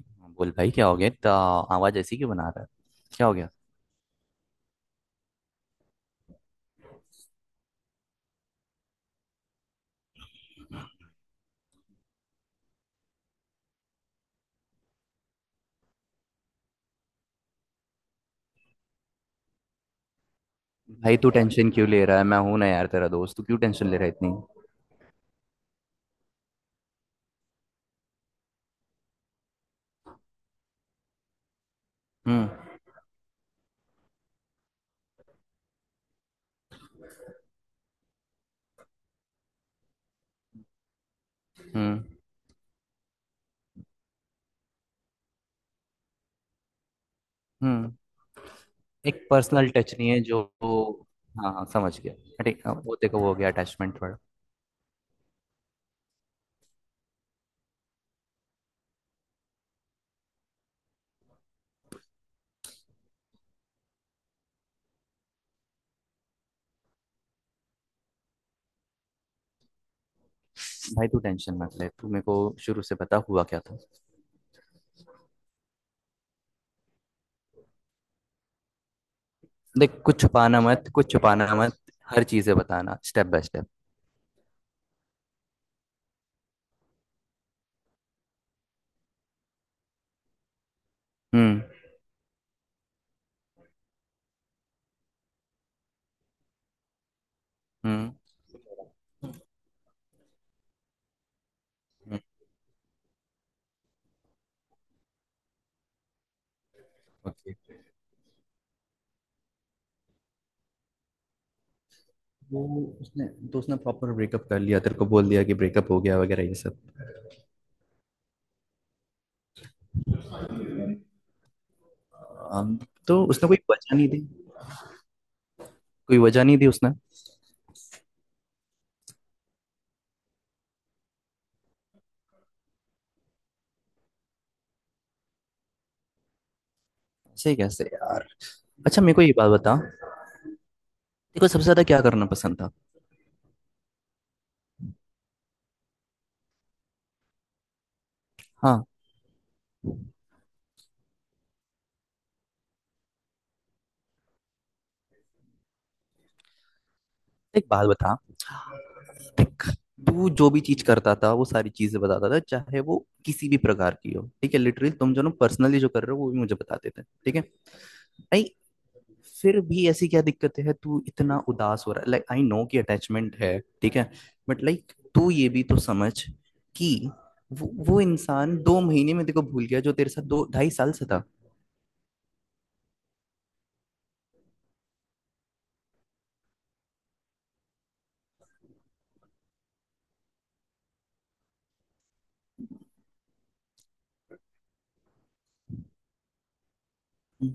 हाँ, बोल भाई। क्या हो गया इतना? आवाज ऐसी क्यों बना रहा है? क्या हो गया? भाई तू और टेंशन क्यों ले रहा है? मैं हूं ना यार, तेरा दोस्त। तू क्यों टेंशन ले रहा है इतनी? हम्म। हम्म। हम्म। एक पर्सनल टच नहीं है जो। हाँ हाँ, समझ गया। हाँ, ठीक। हाँ, वो देखो, वो हो गया अटैचमेंट थोड़ा। भाई, तू टेंशन मत ले। तू मेरे को शुरू से बता, हुआ क्या था। देख, कुछ छुपाना मत, कुछ छुपाना मत। हर चीजें बताना स्टेप बाय स्टेप। हम्म। हम्म। हम्म, ओके। वो उसने दोस्त ने प्रॉपर ब्रेकअप कर लिया, तेरे को बोल दिया कि ब्रेकअप हो गया वगैरह ये सब? हम। तो उसने कोई वजह नहीं दी? कोई वजह नहीं दी उसने? ऐसे ही कैसे यार? अच्छा मेरे को ये बात बता, देखो सबसे ज्यादा क्या करना पसंद था? हाँ, एक बात बता। देख, तू जो भी चीज करता था वो सारी चीजें बताता था, चाहे वो किसी भी प्रकार की हो, ठीक है। लिटरली तुम जो पर्सनली जो कर रहे हो वो भी मुझे बताते थे, ठीक है। भाई, फिर भी ऐसी क्या दिक्कत है तू इतना उदास हो रहा है? लाइक आई नो कि अटैचमेंट है, ठीक है। बट लाइक तू ये भी तो समझ कि वो इंसान 2 महीने में देखो भूल गया, जो तेरे साथ दो ढाई साल से था। हम्म।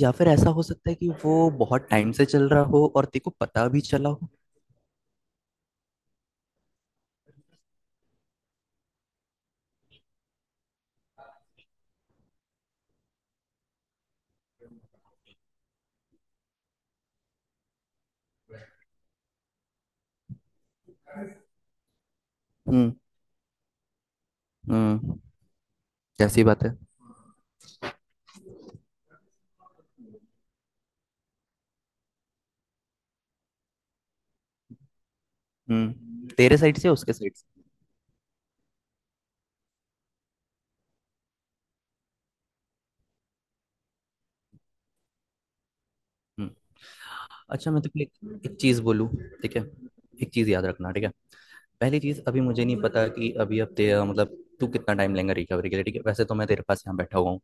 या फिर ऐसा हो सकता है कि वो बहुत टाइम से चल रहा हो और तेरे को पता भी चला हो। हम्म। हम्म, जैसी बात है। हम्म, तेरे साइड से? उसके साइड से? हम्म। अच्छा, मैं तो एक चीज बोलूँ, ठीक है? एक चीज याद रखना, ठीक है। पहली चीज, अभी मुझे नहीं पता कि अभी अब तेरा मतलब तू कितना टाइम लेगा रिकवरी के लिए, ठीक है। वैसे तो मैं तेरे पास यहाँ बैठा हुआ हूँ।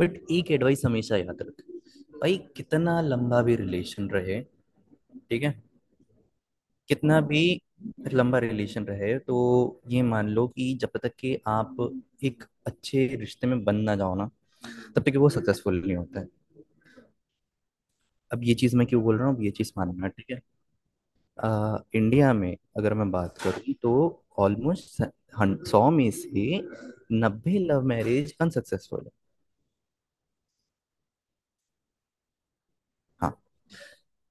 बट एक एडवाइस हमेशा याद रख। भाई, कितना लंबा भी रिलेशन रहे, ठीक है, कितना भी लंबा रिलेशन रहे, तो ये मान लो कि जब तक कि आप एक अच्छे रिश्ते में बन ना जाओ ना, तब तक कि वो सक्सेसफुल नहीं होता है। अब ये चीज़ मैं क्यों बोल रहा हूँ, अब ये चीज़ मानना, ठीक है। इंडिया में अगर मैं बात करूं तो ऑलमोस्ट 100 में से 90 लव मैरिज अनसक्सेसफुल है। हाँ।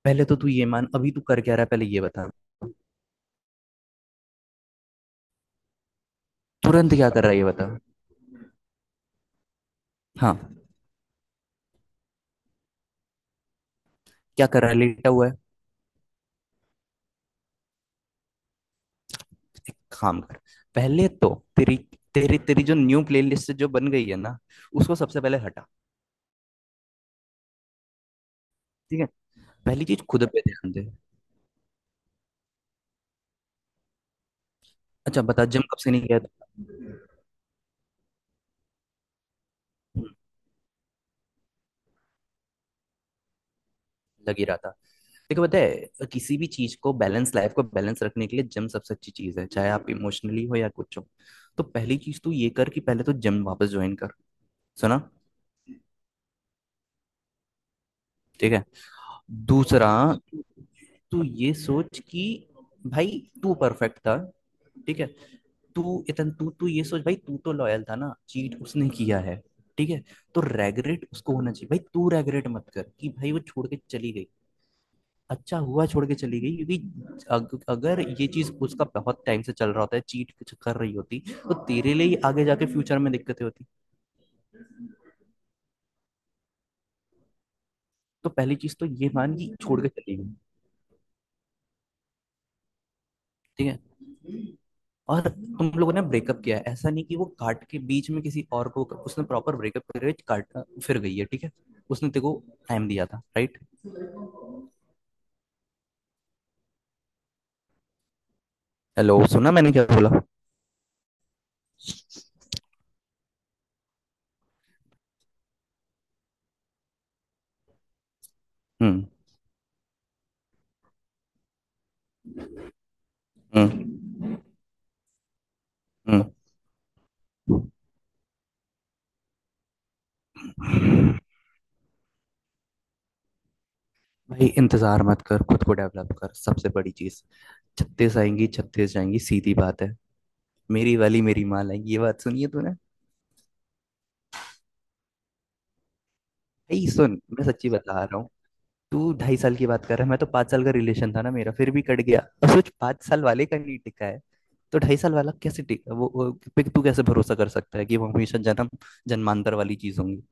पहले तो तू ये मान, अभी तू कर क्या रहा है पहले ये बता। तुरंत क्या कर रहा है ये बता। हाँ, क्या कर रहा है, लेटा हुआ है? एक काम कर। पहले तो तेरी तेरी तेरी जो न्यू प्लेलिस्ट जो बन गई है ना, उसको सबसे पहले हटा, ठीक है? पहली चीज, खुद पे ध्यान दे। अच्छा बता, जिम कब से नहीं गया? था? लग ही रहा था। देखो, पता है, किसी भी चीज को बैलेंस, लाइफ को बैलेंस रखने के लिए जिम सबसे अच्छी चीज है, चाहे आप इमोशनली हो या कुछ हो। तो पहली चीज तो ये कर कि पहले तो जिम वापस ज्वाइन कर। सुना? ठीक है। दूसरा, तू ये सोच कि भाई तू परफेक्ट था, ठीक है। तू ये सोच, भाई तू तो लॉयल था ना, चीट उसने किया है, ठीक है। तो रेगरेट उसको होना चाहिए, भाई। तू रेगरेट मत कर कि भाई वो छोड़ के चली गई। अच्छा हुआ छोड़ के चली गई, क्योंकि अगर ये चीज उसका बहुत टाइम से चल रहा होता है, चीट कर रही होती, तो तेरे लिए ही आगे जाके फ्यूचर में दिक्कतें होती। तो पहली चीज तो ये मान कि छोड़ के चली गई, ठीक है। और तुम लोगों ने ब्रेकअप किया है, ऐसा नहीं कि वो काट के बीच में किसी और को, उसने प्रॉपर ब्रेकअप करके काट फिर गई है, ठीक है। उसने तेरे को टाइम दिया था, राइट? हेलो, सुना मैंने क्या बोला? हम्म। हम्म। हम्म। भाई, इंतजार मत कर, खुद को डेवलप कर, सबसे बड़ी चीज। 36 आएंगी, 36 जाएंगी, सीधी बात है। मेरी वाली मेरी माँ लाएंगी, ये बात सुनी है तूने? भाई सुन, मैं सच्ची बता रहा हूँ। तू 2.5 साल की बात कर रहा है, मैं तो 5 साल का रिलेशन था ना मेरा, फिर भी कट गया। अब सोच, 5 साल वाले का नहीं टिका है, तो 2.5 साल वाला कैसे टिका? वो पे तू कैसे भरोसा कर सकता है कि वो हमेशा जन्म जन्मांतर वाली चीज होंगी?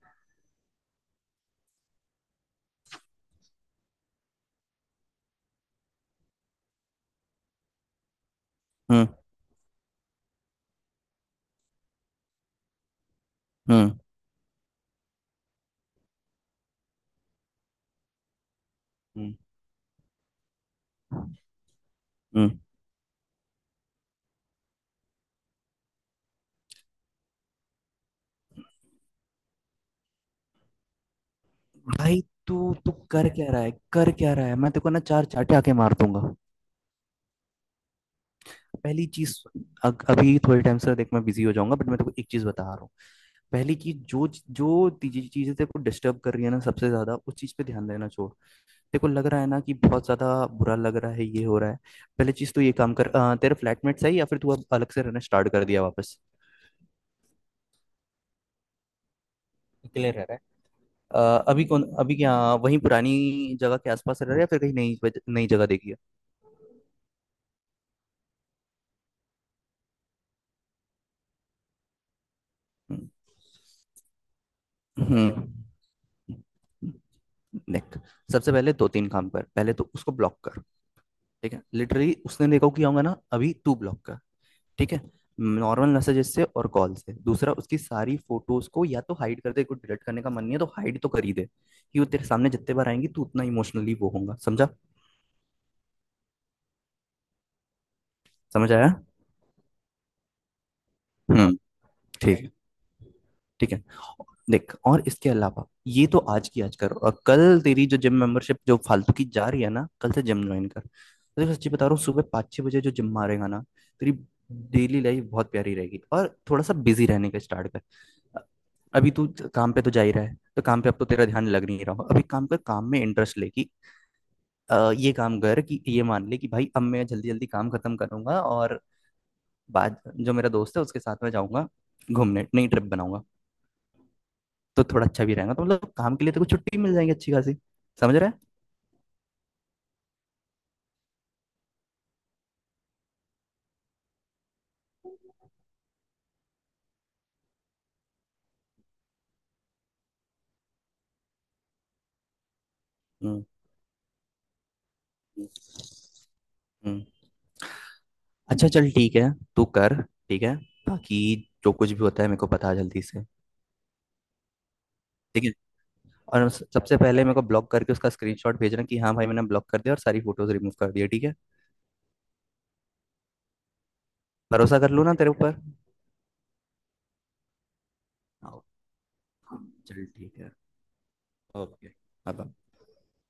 हम्म। हम्म। हम्म। हम्म। भाई, तू तू कर क्या रहा है, कर क्या रहा है? मैं तेरे को ना चार चाटे आके मार दूंगा। पहली चीज, अभी थोड़े टाइम से देख मैं बिजी हो जाऊंगा, बट मैं तेको एक चीज बता रहा हूँ। पहली चीज, जो जो चीजें तेरे को डिस्टर्ब कर रही है ना सबसे ज्यादा, उस चीज पे ध्यान देना छोड़। तेरे को लग रहा है ना कि बहुत ज्यादा बुरा लग रहा है, ये हो रहा है। पहली चीज तो ये काम कर। तेरे फ्लैटमेट्स है, या फिर तू अब अलग से रहना स्टार्ट कर दिया वापस? क्लियर रह रहा है। अभी कौन, अभी क्या, वहीं पुरानी जगह के आसपास रह रहा है, या फिर कहीं नई जगह देखी है? हम्म। हम्म। देख, सबसे पहले दो तीन काम कर। पहले तो उसको ब्लॉक कर, ठीक है? लिटरली उसने देखा कि होगा ना अभी तू ब्लॉक का, ठीक है। नॉर्मल मैसेजेस से और कॉल से। दूसरा, उसकी सारी फोटोज को या तो हाइड कर दे, को डिलीट करने का मन नहीं है तो हाइड तो कर ही दे, कि वो तेरे सामने जितने बार आएंगी तू उतना इमोशनली वो होगा, समझा? समझ आया? हम्म। ठीक है। ठीक है। देख, और इसके अलावा ये तो आज की आज कर, और कल तेरी जो जिम मेंबरशिप जो फालतू की जा रही है ना, कल से जिम ज्वाइन कर। देखो, सच्ची बता रहा हूँ, सुबह पाँच छः बजे जो जिम मारेगा ना, तेरी डेली लाइफ बहुत प्यारी रहेगी। और थोड़ा सा बिजी रहने का स्टार्ट कर। अभी तू काम पे तो जा ही रहा है, तो काम पे अब तो तेरा ध्यान लग नहीं रहा हो अभी, काम कर, काम में इंटरेस्ट ले कि ये काम कर कि ये मान ले कि भाई अब मैं जल्दी जल्दी काम खत्म करूंगा, और बाद जो मेरा दोस्त है उसके साथ में जाऊंगा घूमने, नई ट्रिप बनाऊंगा। तो थोड़ा अच्छा भी रहेगा, तो मतलब काम के लिए तो कुछ छुट्टी मिल जाएगी अच्छी खासी, समझ रहा है? हम्म। हम्म, हम्म। अच्छा चल, ठीक है, तू कर, ठीक है। बाकी जो कुछ भी होता है मेरे को बता जल्दी से, ठीक है। और सबसे पहले मेरे को ब्लॉक करके उसका स्क्रीनशॉट भेजना, कि हाँ भाई मैंने ब्लॉक कर दिया और सारी फोटोज रिमूव कर दिया, ठीक है? भरोसा कर लूँ ना तेरे ऊपर? हाँ, चल ठीक है। Okay, bye.